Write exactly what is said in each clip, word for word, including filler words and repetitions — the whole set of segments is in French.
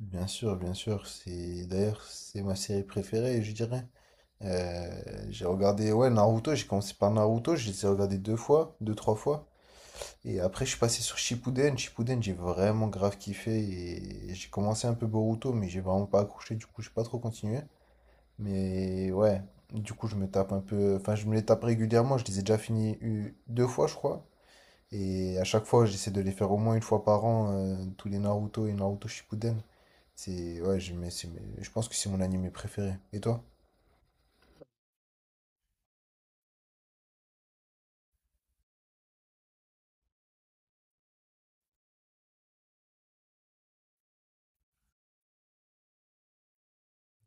Bien sûr, bien sûr, c'est d'ailleurs c'est ma série préférée, je dirais. Euh, j'ai regardé ouais Naruto, j'ai commencé par Naruto, je les ai regardés deux fois, deux trois fois, et après je suis passé sur Shippuden. Shippuden, j'ai vraiment grave kiffé et j'ai commencé un peu Boruto, mais j'ai vraiment pas accroché, du coup j'ai pas trop continué. Mais ouais, du coup je me tape un peu, enfin je me les tape régulièrement, je les ai déjà finis eu- deux fois je crois, et à chaque fois j'essaie de les faire au moins une fois par an euh, tous les Naruto et Naruto Shippuden. C'est ouais, je mais c'est- mais je pense que c'est mon animé préféré. Et toi?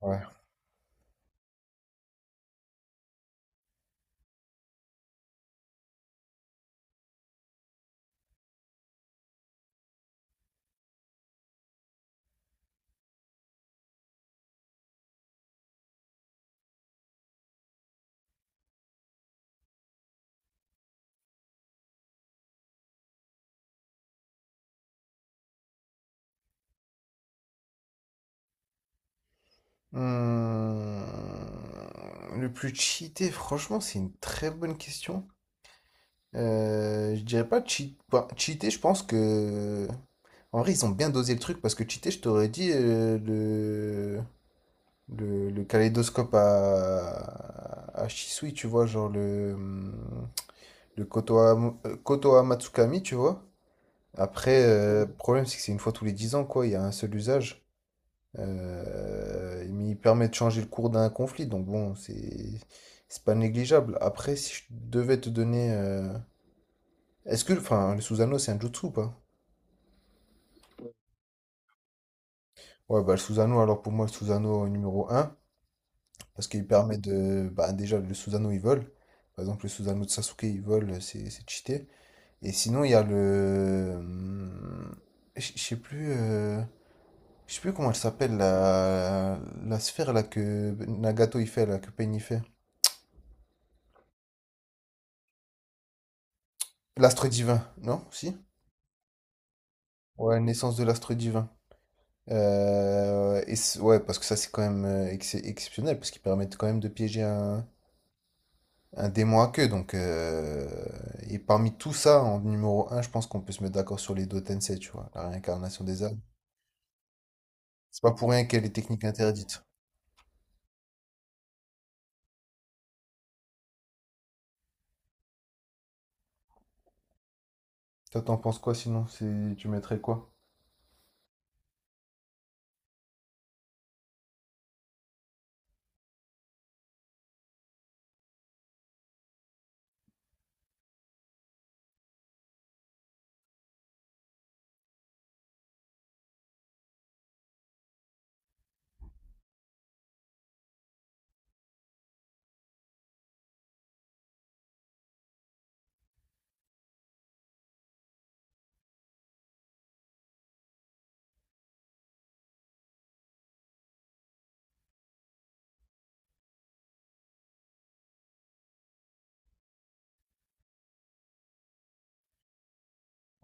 Ouais. Hmm, le plus cheaté, franchement, c'est une très bonne question. Euh, je dirais pas cheat... bah, cheaté, je pense que... En vrai, ils ont bien dosé le truc parce que cheaté, je t'aurais dit euh, le... le... le kaléidoscope à... à Shisui, tu vois, genre le, hum, le Kotoa... euh, Kotoa Matsukami, tu vois. Après, euh, le problème, c'est que c'est une fois tous les dix ans, quoi, il y a un seul usage. Euh, mais il permet de changer le cours d'un conflit, donc bon, c'est c'est pas négligeable. Après, si je devais te donner, euh, est-ce que, enfin, le Susanoo c'est un jutsu ou pas? Ouais, bah le Susanoo, alors pour moi le Susanoo numéro un parce qu'il permet de, bah déjà le Susanoo il vole. Par exemple, le Susanoo de Sasuke il vole, c'est c'est cheaté. Et sinon il y a le, hum, je je sais plus, euh, je sais plus comment elle s'appelle la la sphère là que Nagato il fait là, que Pain il fait. L'astre divin, non? Si? Ouais, naissance de l'astre divin. Euh, et c'est- ouais, parce que ça, c'est quand même euh, ex- exceptionnel, parce qu'ils permettent quand même de piéger un, un démon à queue. Donc, euh, et parmi tout ça, en numéro un, je pense qu'on peut se mettre d'accord sur les Do Tensei, tu vois, la réincarnation des âmes. C'est pas pour rien qu'elle est technique interdite. Toi, t'en penses quoi sinon? C'est- Tu mettrais quoi?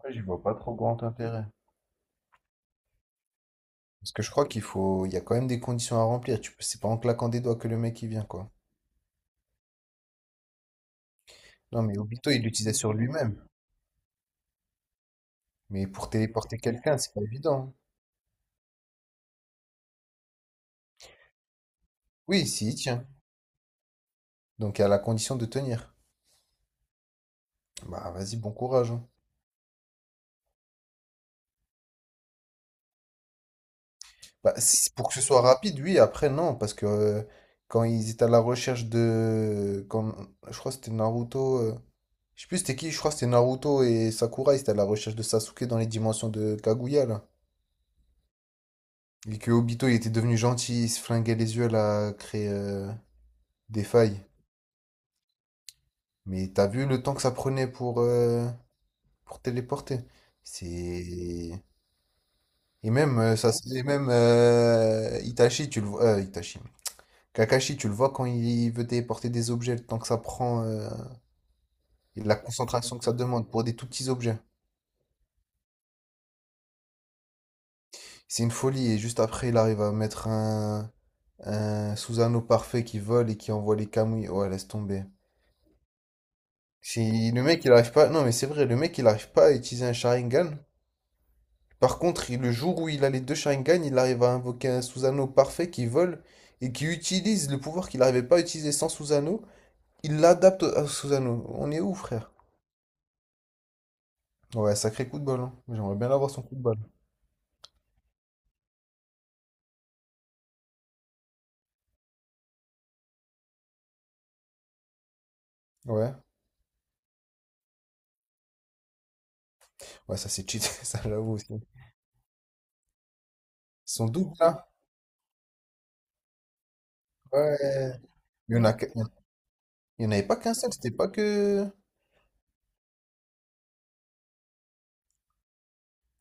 Ouais, j'y vois pas trop grand intérêt. Parce que je crois qu'il faut, il y a quand même des conditions à remplir. Tu peux, c'est pas en claquant des doigts que le mec il vient, quoi. Non, mais Obito, il l'utilisait sur lui-même. Mais pour téléporter quelqu'un, c'est pas évident. Oui, s'il tient. Donc à la condition de tenir. Bah vas-y, bon courage, hein. Bah, si- pour que ce soit rapide, oui, après non, parce que euh, quand ils étaient à la recherche de. Quand, je crois que c'était Naruto. euh, Je sais plus c'était qui, je crois que c'était Naruto et Sakura, ils étaient à la recherche de Sasuke dans les dimensions de Kaguya là. Et que Obito il était devenu gentil, il se flinguait les yeux là, à créer euh, des failles. Mais t'as vu le temps que ça prenait pour, euh, pour téléporter? C'est. Et même, euh, ça, et même euh, Itachi, tu le vois. euh, Itachi. Kakashi, tu le vois quand il veut téléporter des objets, le temps que ça prend, euh, et la concentration que ça demande pour des tout petits objets. C'est une folie. Et juste après, il arrive à mettre un, un Susanoo parfait qui vole et qui envoie les Kamui. Ouais, laisse tomber. Si le mec, il arrive pas. Non, mais c'est vrai, le mec, il arrive pas à utiliser un Sharingan. Par contre, il- le jour où il a les deux Sharingan, il arrive à invoquer un Susanoo parfait qui vole et qui utilise le pouvoir qu'il n'arrivait pas à utiliser sans Susanoo. Il l'adapte à Susano. On est où, frère? Ouais, sacré coup de bol, hein. J'aimerais bien avoir son coup de balle. Ouais. Ouais, ça c'est cheaté, ça j'avoue aussi. Son double là. Ouais. Il y en a, qu- il y en avait pas qu'un seul, c'était pas que.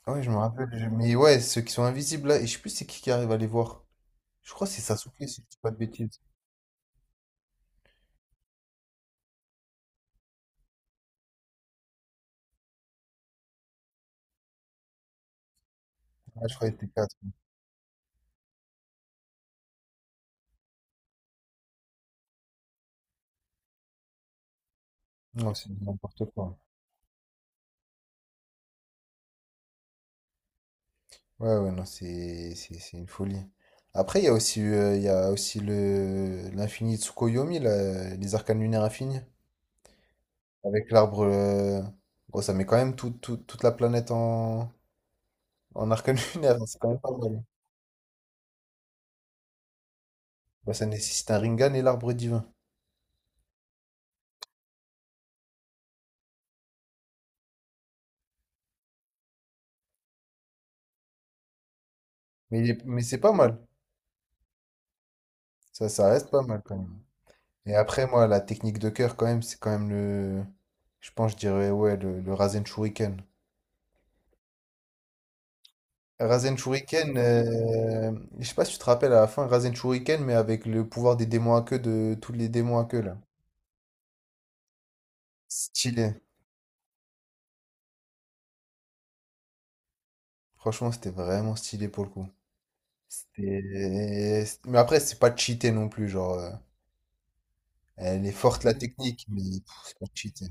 Ah ouais, je me rappelle. je- Mais ouais, ceux qui sont invisibles là, et je sais plus c'est qui qui arrive à les voir. Je crois que c'est Sasuke, si je dis pas de bêtises. Ouais, je crois que c'était quatre. Non, c'est n'importe quoi. Ouais, ouais, non, c'est c'est- c'est une folie. Après, il y a aussi, euh, il y a aussi le l'infini Tsukuyomi, là, les arcanes lunaires infinis. Avec l'arbre. euh, Bon, ça met quand même tout- tout- toute la planète en, en arcane lunaire, hein. C'est quand même pas mal. Bah, ça nécessite un ringan et l'arbre divin. Mais, il est- mais c'est pas mal. Ça, ça reste pas mal quand même. Et après, moi, la technique de cœur, quand même, c'est quand même le. Je pense, je dirais, ouais, le, le Rasen Shuriken. Rasen Shuriken, euh, je sais pas si tu te rappelles à la fin, Rasen Shuriken, mais avec le pouvoir des démons à queue de tous les démons à queue là. Stylé. Franchement, c'était vraiment stylé pour le coup. C'était- Mais après, c'est pas cheaté non plus, genre. euh, Elle est forte la technique, mais pff, c'est pas cheaté.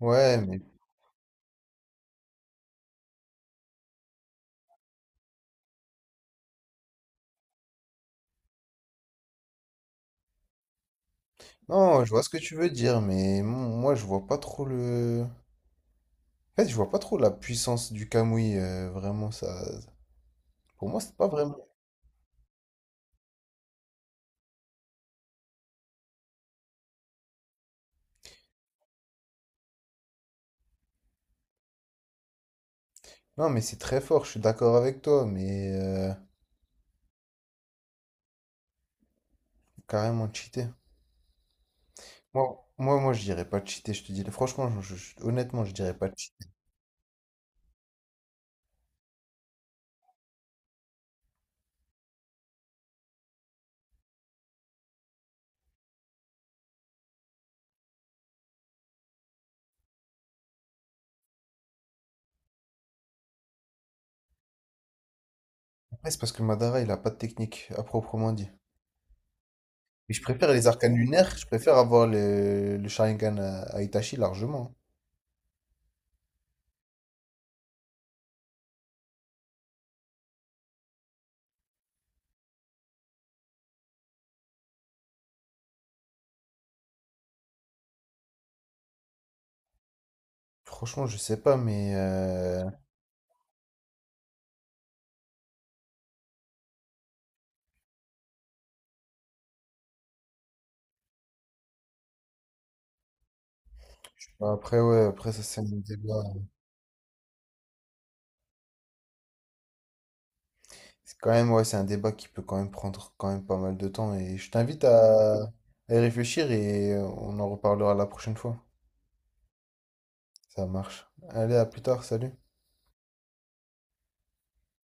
Ouais, mais. Non, je vois ce que tu veux dire, mais mon- moi, je vois pas trop le. En fait, je vois pas trop la puissance du Kamui, euh, vraiment, ça. Pour moi, c'est pas vraiment. Non, mais c'est très fort, je suis d'accord avec toi, mais euh, carrément cheaté. Moi, moi, moi, je dirais pas cheaté, je te dis. Franchement, je- je- honnêtement, je dirais pas cheaté. Après, c'est parce que Madara, il a pas de technique à proprement dit. Mais je préfère les arcanes lunaires, je préfère avoir le, le Sharingan à, à Itachi largement. Franchement, je sais pas, mais euh, après, ouais, après, ça, c'est un débat. C'est quand même, ouais, c'est un débat qui peut quand même prendre quand même pas mal de temps. Et je t'invite à, à y réfléchir et on en reparlera la prochaine fois. Ça marche. Allez, à plus tard, salut.